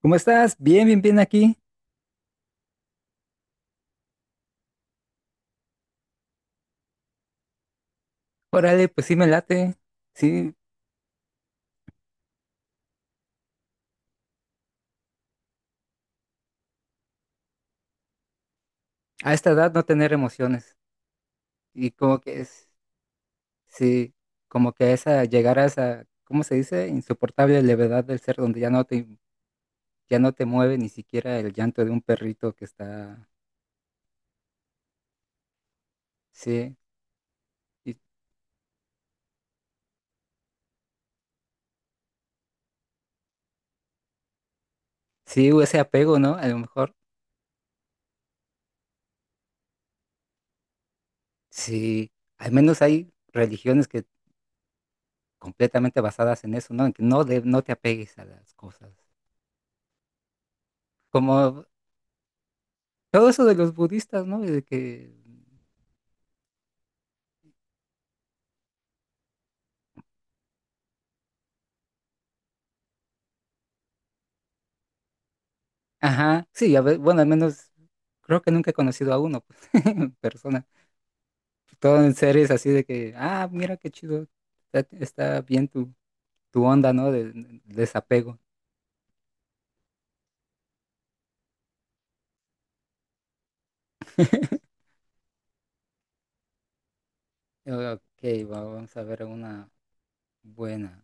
¿Cómo estás? Bien, bien, bien aquí. Órale, pues sí me late. Sí, a esta edad no tener emociones. Y como que es, sí, como que esa, llegar a esa, ¿cómo se dice? Insoportable levedad del ser donde ya no te mueve ni siquiera el llanto de un perrito que está, sí, y- sí, o ese apego, ¿no? A lo mejor, sí, al menos hay religiones que completamente basadas en eso, ¿no? En que no, no te apegues a las cosas. Como todo eso de los budistas, ¿no? De que Ajá, sí, a ver, bueno, al menos creo que nunca he conocido a uno pues, en persona. Todo en series así de que, ah, mira qué chido, está bien tu onda, ¿no? Desapego. Ok, vamos a ver una buena.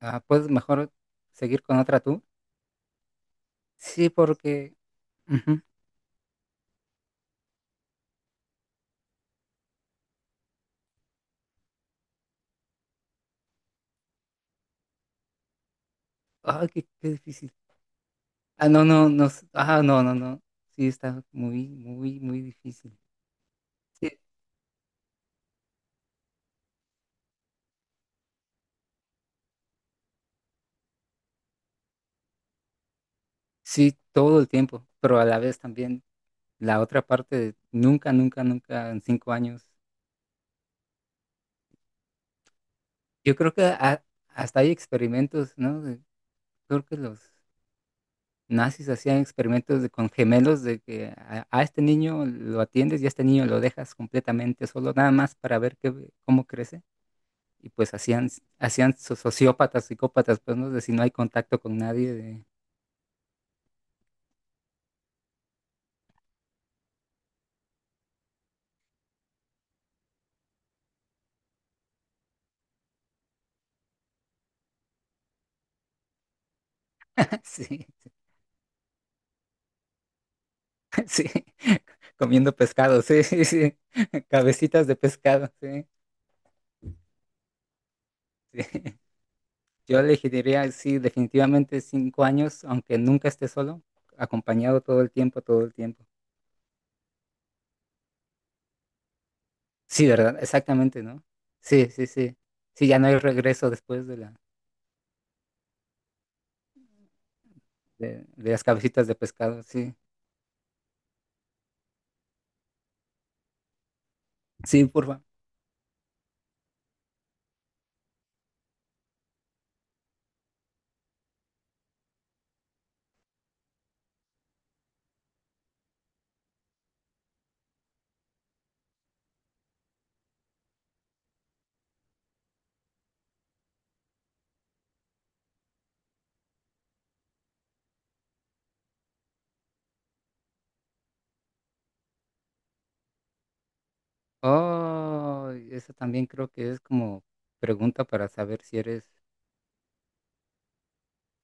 Ah, ¿puedes mejor seguir con otra tú? Sí, porque... ujú. Ay, qué difícil. Ah, no, no, no. Ah, no, no, no. Sí, está muy, muy, muy difícil. Sí, sí, todo el tiempo, pero a la vez también la otra parte, nunca, nunca, nunca en cinco años. Yo creo que hasta hay experimentos, ¿no? Creo que los nazis hacían experimentos con gemelos de que a este niño lo atiendes y a este niño lo dejas completamente solo, nada más para ver qué, cómo crece. Y pues hacían sociópatas, psicópatas, pues, ¿no? De si no hay contacto con nadie, de... Sí, sí, comiendo pescado, sí, sí, sí, cabecitas de pescado, sí, sí. Yo elegiría, sí, definitivamente cinco años, aunque nunca esté solo, acompañado todo el tiempo, todo el tiempo. Sí, ¿verdad? Exactamente, ¿no? Sí, sí, sí. Sí, ya no hay regreso después de las cabecitas de pescado, sí. Sí, porfa. Oh, eso también creo que es como pregunta para saber si eres...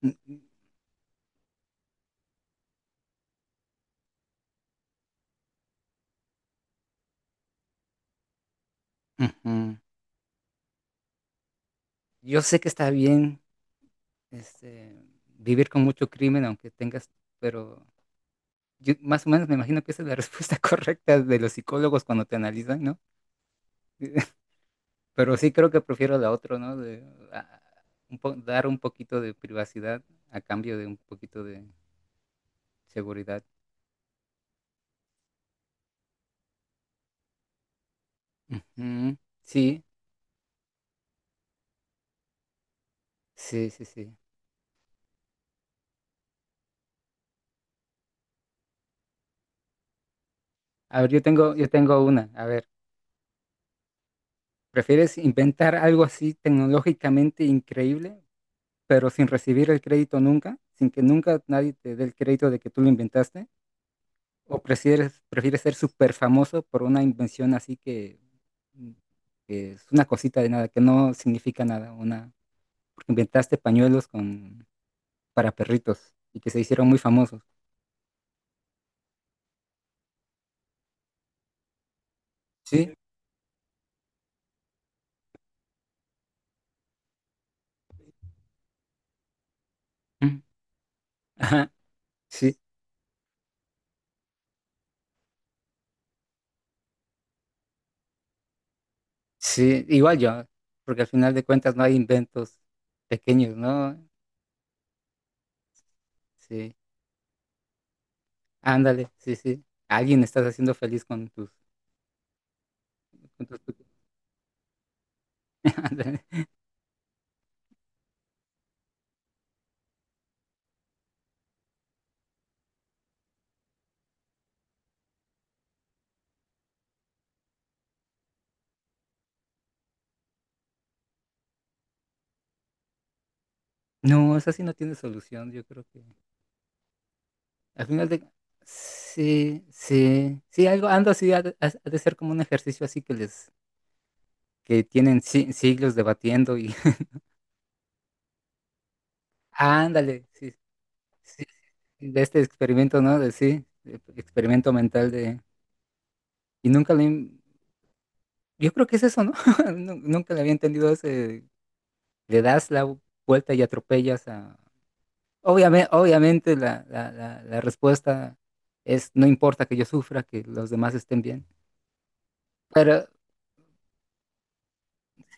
Mm, mm, ujú. Yo sé que está bien, este, vivir con mucho crimen, aunque tengas, pero yo más o menos me imagino que esa es la respuesta correcta de los psicólogos cuando te analizan, ¿no? Pero sí creo que prefiero la otra, ¿no? De, ah, un po- dar un poquito de privacidad a cambio de un poquito de seguridad. Ujú. Sí, sí, sí, sí. A ver, yo tengo una. A ver, ¿prefieres inventar algo así tecnológicamente increíble, pero sin recibir el crédito nunca, sin que nunca nadie te dé el crédito de que tú lo inventaste? ¿O prefieres ser súper famoso por una invención así que, mm, que es una cosita de nada, que no significa nada? Una, porque inventaste pañuelos para perritos y que se hicieron muy famosos. Sí, mm, ajá, sí, sí, igual yo, porque al final de cuentas no hay inventos pequeños, ¿no? Sí, ándale, sí, sí. A alguien estás haciendo feliz con tus... Con tus... ándale. No, eso sí no tiene solución, yo creo que... Al final de... Sí, sí, sí, algo, ando así, ha de ser como un ejercicio así que tienen siglos debatiendo y... ándale, sí, sí, sí, de este experimento, ¿no? De sí, de experimento mental de... Y nunca le... Yo creo que es eso, ¿no? Nunca le había entendido ese... Le das la vuelta y atropellas a... Obviamente la respuesta es, no importa que yo sufra, que los demás estén bien. Pero,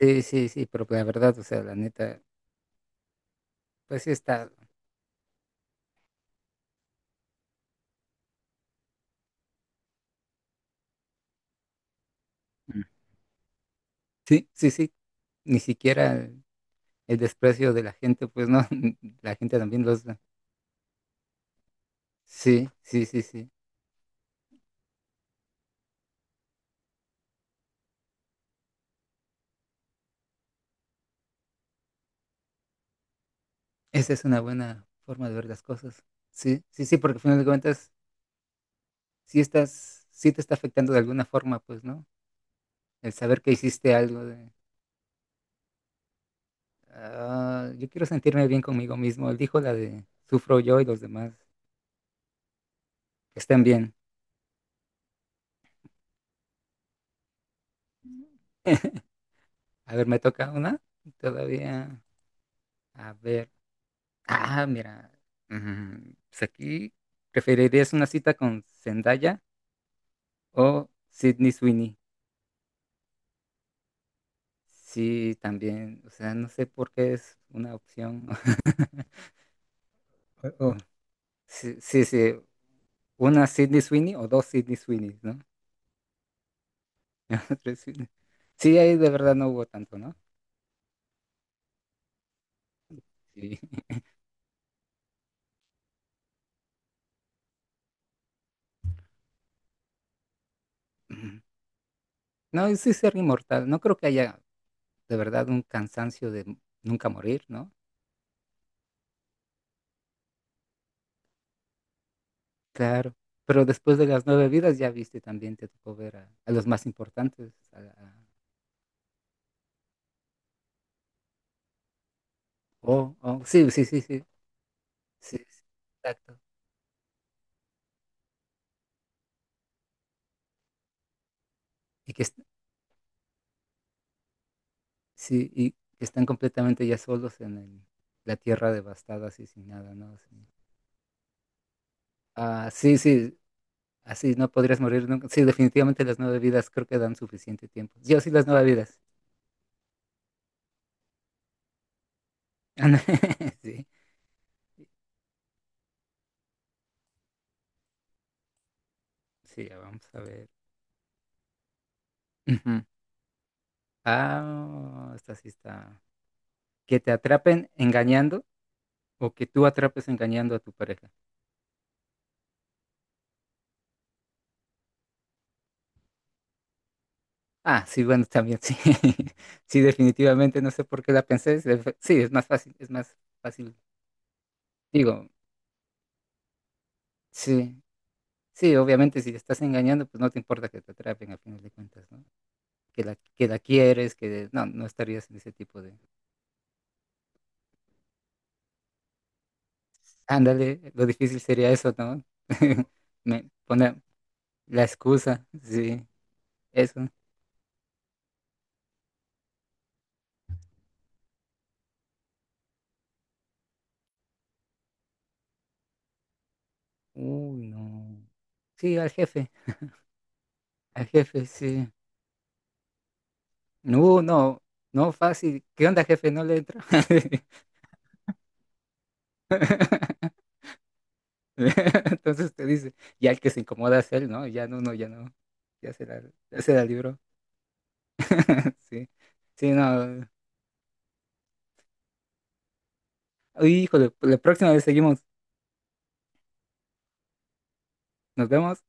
sí, sí, sí, pero la verdad, o sea, la neta... Pues sí está. Sí, sí, sí. Ni siquiera el, desprecio de la gente, pues no, la gente también los... Sí, sí, sí, sí. Esa es una buena forma de ver las cosas. Sí, sí, sí, porque al final de cuentas, sí te está afectando de alguna forma, pues, ¿no? El saber que hiciste algo de, "Ah, yo quiero sentirme bien conmigo mismo." Él dijo la de, sufro yo y los demás, que estén bien. A ver, me toca una. Todavía, a ver. Ah, mira, pues aquí preferirías una cita con Zendaya o Sydney Sweeney. Sí, también, o sea, no sé por qué es una opción. O- o- sí, sí, sí, una Sydney Sweeney o dos Sydney Sweeney, ¿no? Tres Sydney. Sí, ahí de verdad no hubo tanto, ¿no? Sí. No, y sí ser inmortal. No creo que haya de verdad un cansancio de nunca morir, ¿no? Claro, pero después de las nueve vidas ya viste también, te tocó ver a los más importantes. Oh, oh, sí, sí, sí, sí, sí, sí, exacto. Y que, est- sí, y que están completamente ya solos en la tierra devastada, así sin nada, ¿no? Así, sí, sí, así no podrías morir nunca. Sí, definitivamente las nueve vidas creo que dan suficiente tiempo. Yo sí, las nueve vidas. Sí, sí, ya vamos a ver. Ujú. Ah, esta sí está. Que te atrapen engañando o que tú atrapes engañando a tu pareja. Ah, sí, bueno, también sí. Sí, definitivamente, no sé por qué la pensé. Sí, es más fácil, es más fácil. Digo, sí, sí, obviamente si te estás engañando, pues no te importa que te atrapen a final de cuentas, ¿no? Que la quieres, que no, no estarías en ese tipo de... Ándale, lo difícil sería eso, ¿no? Me pone la excusa, sí, eso. Uy, no. Sí, al jefe, sí. No, no, no fácil. ¿Qué onda, jefe? No le entro. Entonces te dice, ya el que se incomoda es él, ¿no? Ya no, no, ya no. Ya se la, ya se la libró. Sí, sí, no. Uy, híjole, la próxima vez seguimos. Nos vemos.